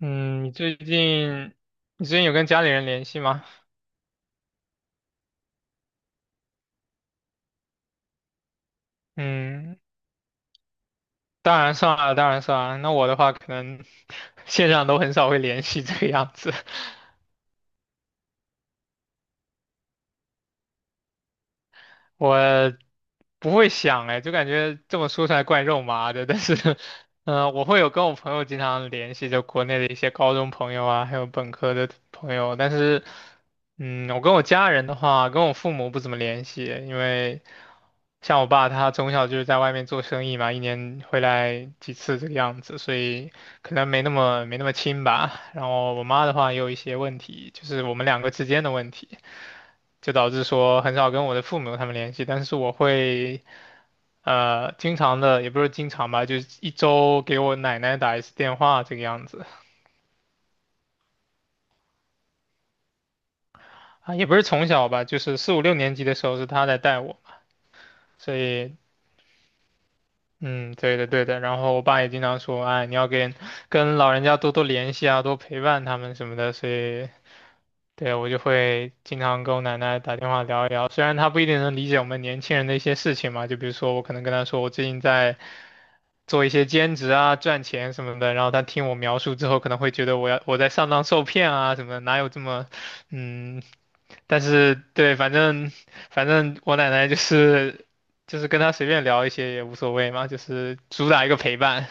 嗯，你最近有跟家里人联系吗？嗯，当然算了，当然算了。那我的话，可能 线上都很少会联系这个样子。我不会想哎，就感觉这么说出来怪肉麻的，但是，我会有跟我朋友经常联系，就国内的一些高中朋友啊，还有本科的朋友，但是，嗯，我跟我家人的话，跟我父母不怎么联系，因为像我爸他从小就是在外面做生意嘛，一年回来几次这个样子，所以可能没那么亲吧。然后我妈的话也有一些问题，就是我们两个之间的问题。就导致说很少跟我的父母他们联系，但是我会经常的，也不是经常吧，就是一周给我奶奶打一次电话这个样子。啊，也不是从小吧，就是四五六年级的时候是她在带我，所以嗯，对的，然后我爸也经常说，哎，你要跟老人家多多联系啊，多陪伴他们什么的，所以。对，我就会经常跟我奶奶打电话聊一聊，虽然她不一定能理解我们年轻人的一些事情嘛，就比如说我可能跟她说我最近在做一些兼职啊，赚钱什么的。然后他听我描述之后，可能会觉得我在上当受骗啊什么的，哪有这么，嗯，但是对，反正我奶奶就是跟他随便聊一些也无所谓嘛，就是主打一个陪伴。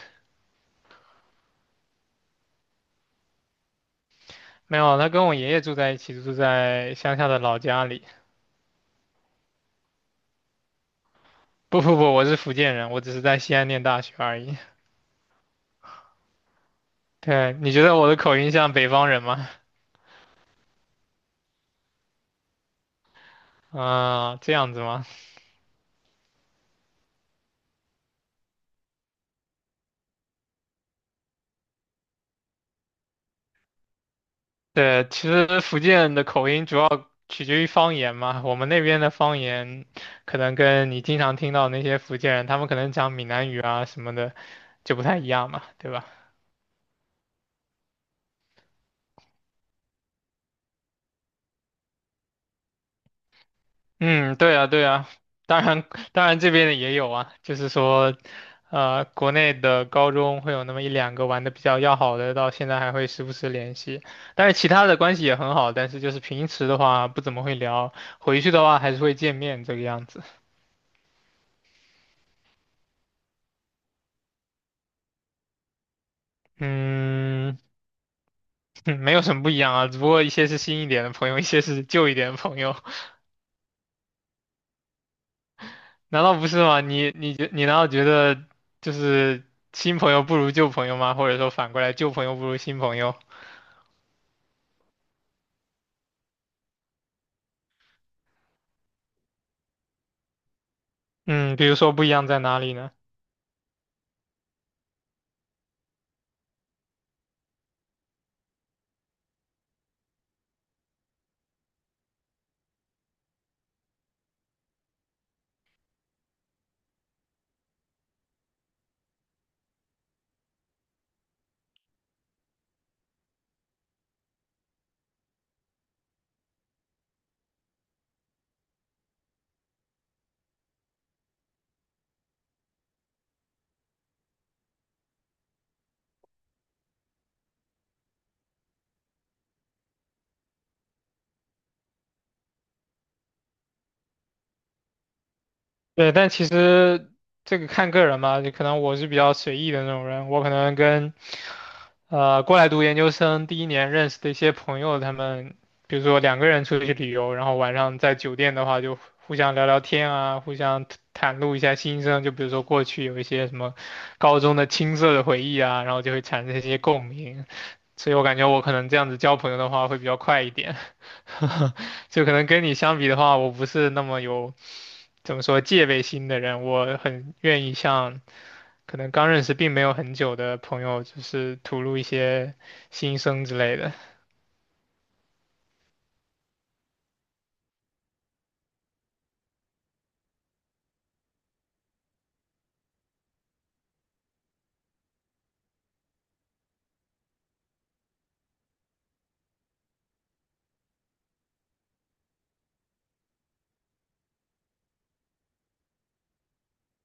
没有，他跟我爷爷住在一起，住在乡下的老家里。不，我是福建人，我只是在西安念大学而已。对，你觉得我的口音像北方人吗？啊、这样子吗？对，其实福建的口音主要取决于方言嘛。我们那边的方言，可能跟你经常听到那些福建人，他们可能讲闽南语啊什么的，就不太一样嘛，对吧？嗯，对啊，对啊。当然，当然这边的也有啊，就是说，国内的高中会有那么一两个玩的比较要好的，到现在还会时不时联系。但是其他的关系也很好，但是就是平时的话不怎么会聊，回去的话还是会见面这个样子。嗯。嗯，没有什么不一样啊，只不过一些是新一点的朋友，一些是旧一点的朋友，难道不是吗？你难道觉得就是新朋友不如旧朋友吗？或者说反过来，旧朋友不如新朋友？嗯，比如说不一样在哪里呢？对，但其实这个看个人嘛，就可能我是比较随意的那种人，我可能跟过来读研究生第一年认识的一些朋友，他们比如说两个人出去旅游，然后晚上在酒店的话就互相聊聊天啊，互相袒露一下心声，就比如说过去有一些什么高中的青涩的回忆啊，然后就会产生一些共鸣，所以我感觉我可能这样子交朋友的话会比较快一点，就可能跟你相比的话，我不是那么有。怎么说戒备心的人，我很愿意向可能刚认识并没有很久的朋友，就是吐露一些心声之类的。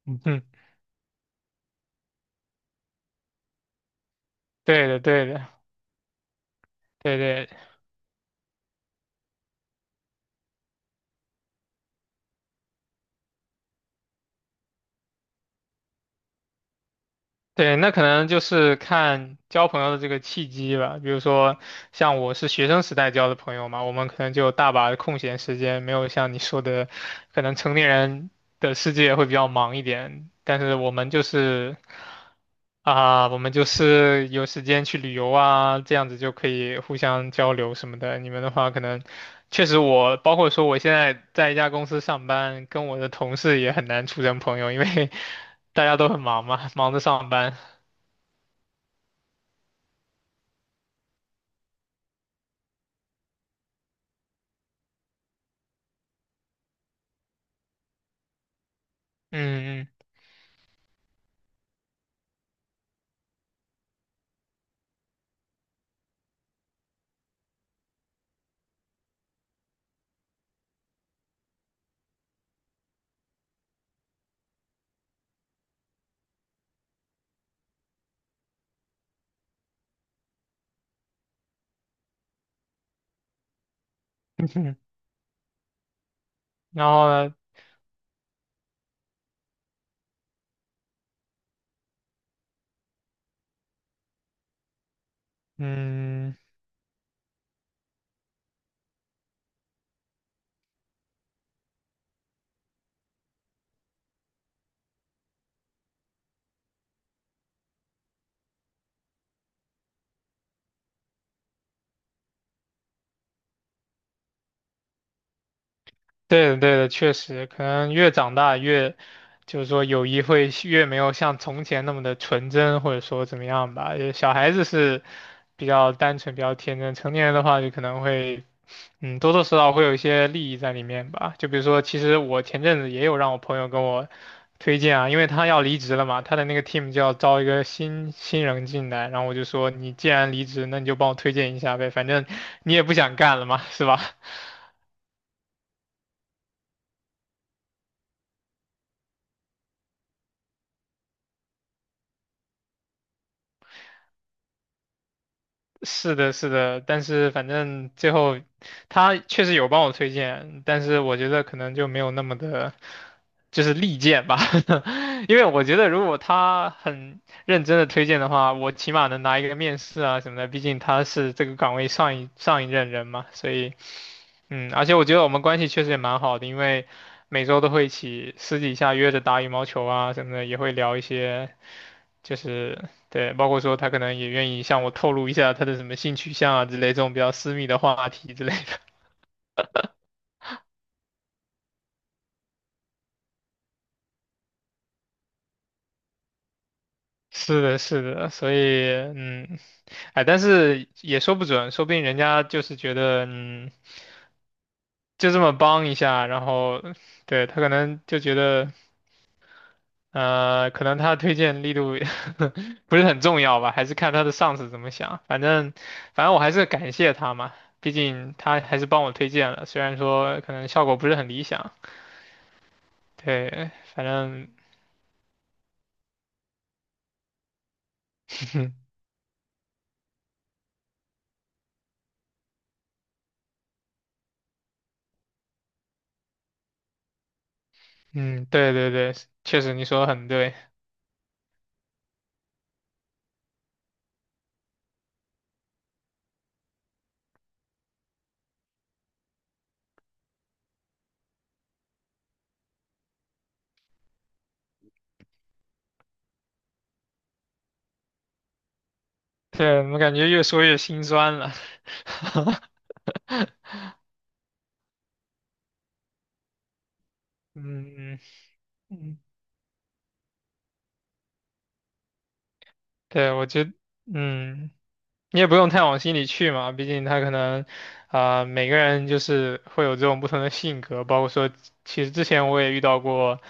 嗯，对的，对的，对对，对，那可能就是看交朋友的这个契机吧。比如说，像我是学生时代交的朋友嘛，我们可能就有大把的空闲时间，没有像你说的，可能成年人的世界会比较忙一点。但是我们就是我们就是有时间去旅游啊，这样子就可以互相交流什么的。你们的话，可能确实我，包括说我现在在一家公司上班，跟我的同事也很难处成朋友，因为 大家都很忙嘛，忙着上班。嗯嗯，然后呢，嗯。对的，对的，确实，可能越长大越，就是说友谊会越没有像从前那么的纯真，或者说怎么样吧。就是小孩子是比较单纯、比较天真，成年人的话就可能会，嗯，多多少少会有一些利益在里面吧。就比如说，其实我前阵子也有让我朋友跟我推荐啊，因为他要离职了嘛，他的那个 team 就要招一个新人进来，然后我就说，你既然离职，那你就帮我推荐一下呗，反正你也不想干了嘛，是吧？是的，是的，但是反正最后他确实有帮我推荐，但是我觉得可能就没有那么的，就是利剑吧，因为我觉得如果他很认真的推荐的话，我起码能拿一个面试啊什么的，毕竟他是这个岗位上一任人嘛，所以嗯，而且我觉得我们关系确实也蛮好的，因为每周都会一起私底下约着打羽毛球啊什么的，也会聊一些，就是对，包括说他可能也愿意向我透露一下他的什么性取向啊之类这种比较私密的话题之类的。是的，是的，所以嗯，哎，但是也说不准，说不定人家就是觉得嗯，就这么帮一下，然后对他可能就觉得。可能他的推荐力度 不是很重要吧，还是看他的上司怎么想。反正，反正我还是感谢他嘛，毕竟他还是帮我推荐了，虽然说可能效果不是很理想。对，反正，嗯，对对对，确实你说的很对。对，我感觉越说越心酸了。嗯嗯，对，我觉得，嗯。你也不用太往心里去嘛，毕竟他可能，啊、每个人就是会有这种不同的性格，包括说，其实之前我也遇到过，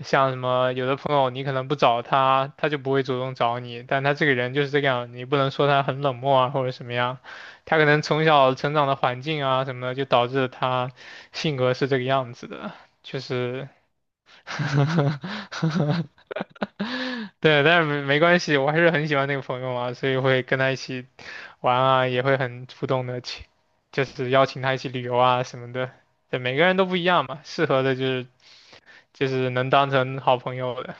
像什么有的朋友你可能不找他，他就不会主动找你，但他这个人就是这个样，你不能说他很冷漠啊或者什么样，他可能从小成长的环境啊什么的，就导致他性格是这个样子的，确实。对，但是没关系，我还是很喜欢那个朋友嘛，所以会跟他一起玩啊，也会很主动的去，就是邀请他一起旅游啊什么的。对，每个人都不一样嘛，适合的就是能当成好朋友的。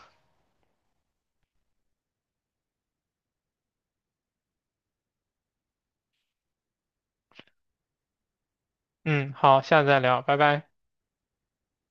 嗯，好，下次再聊，拜拜。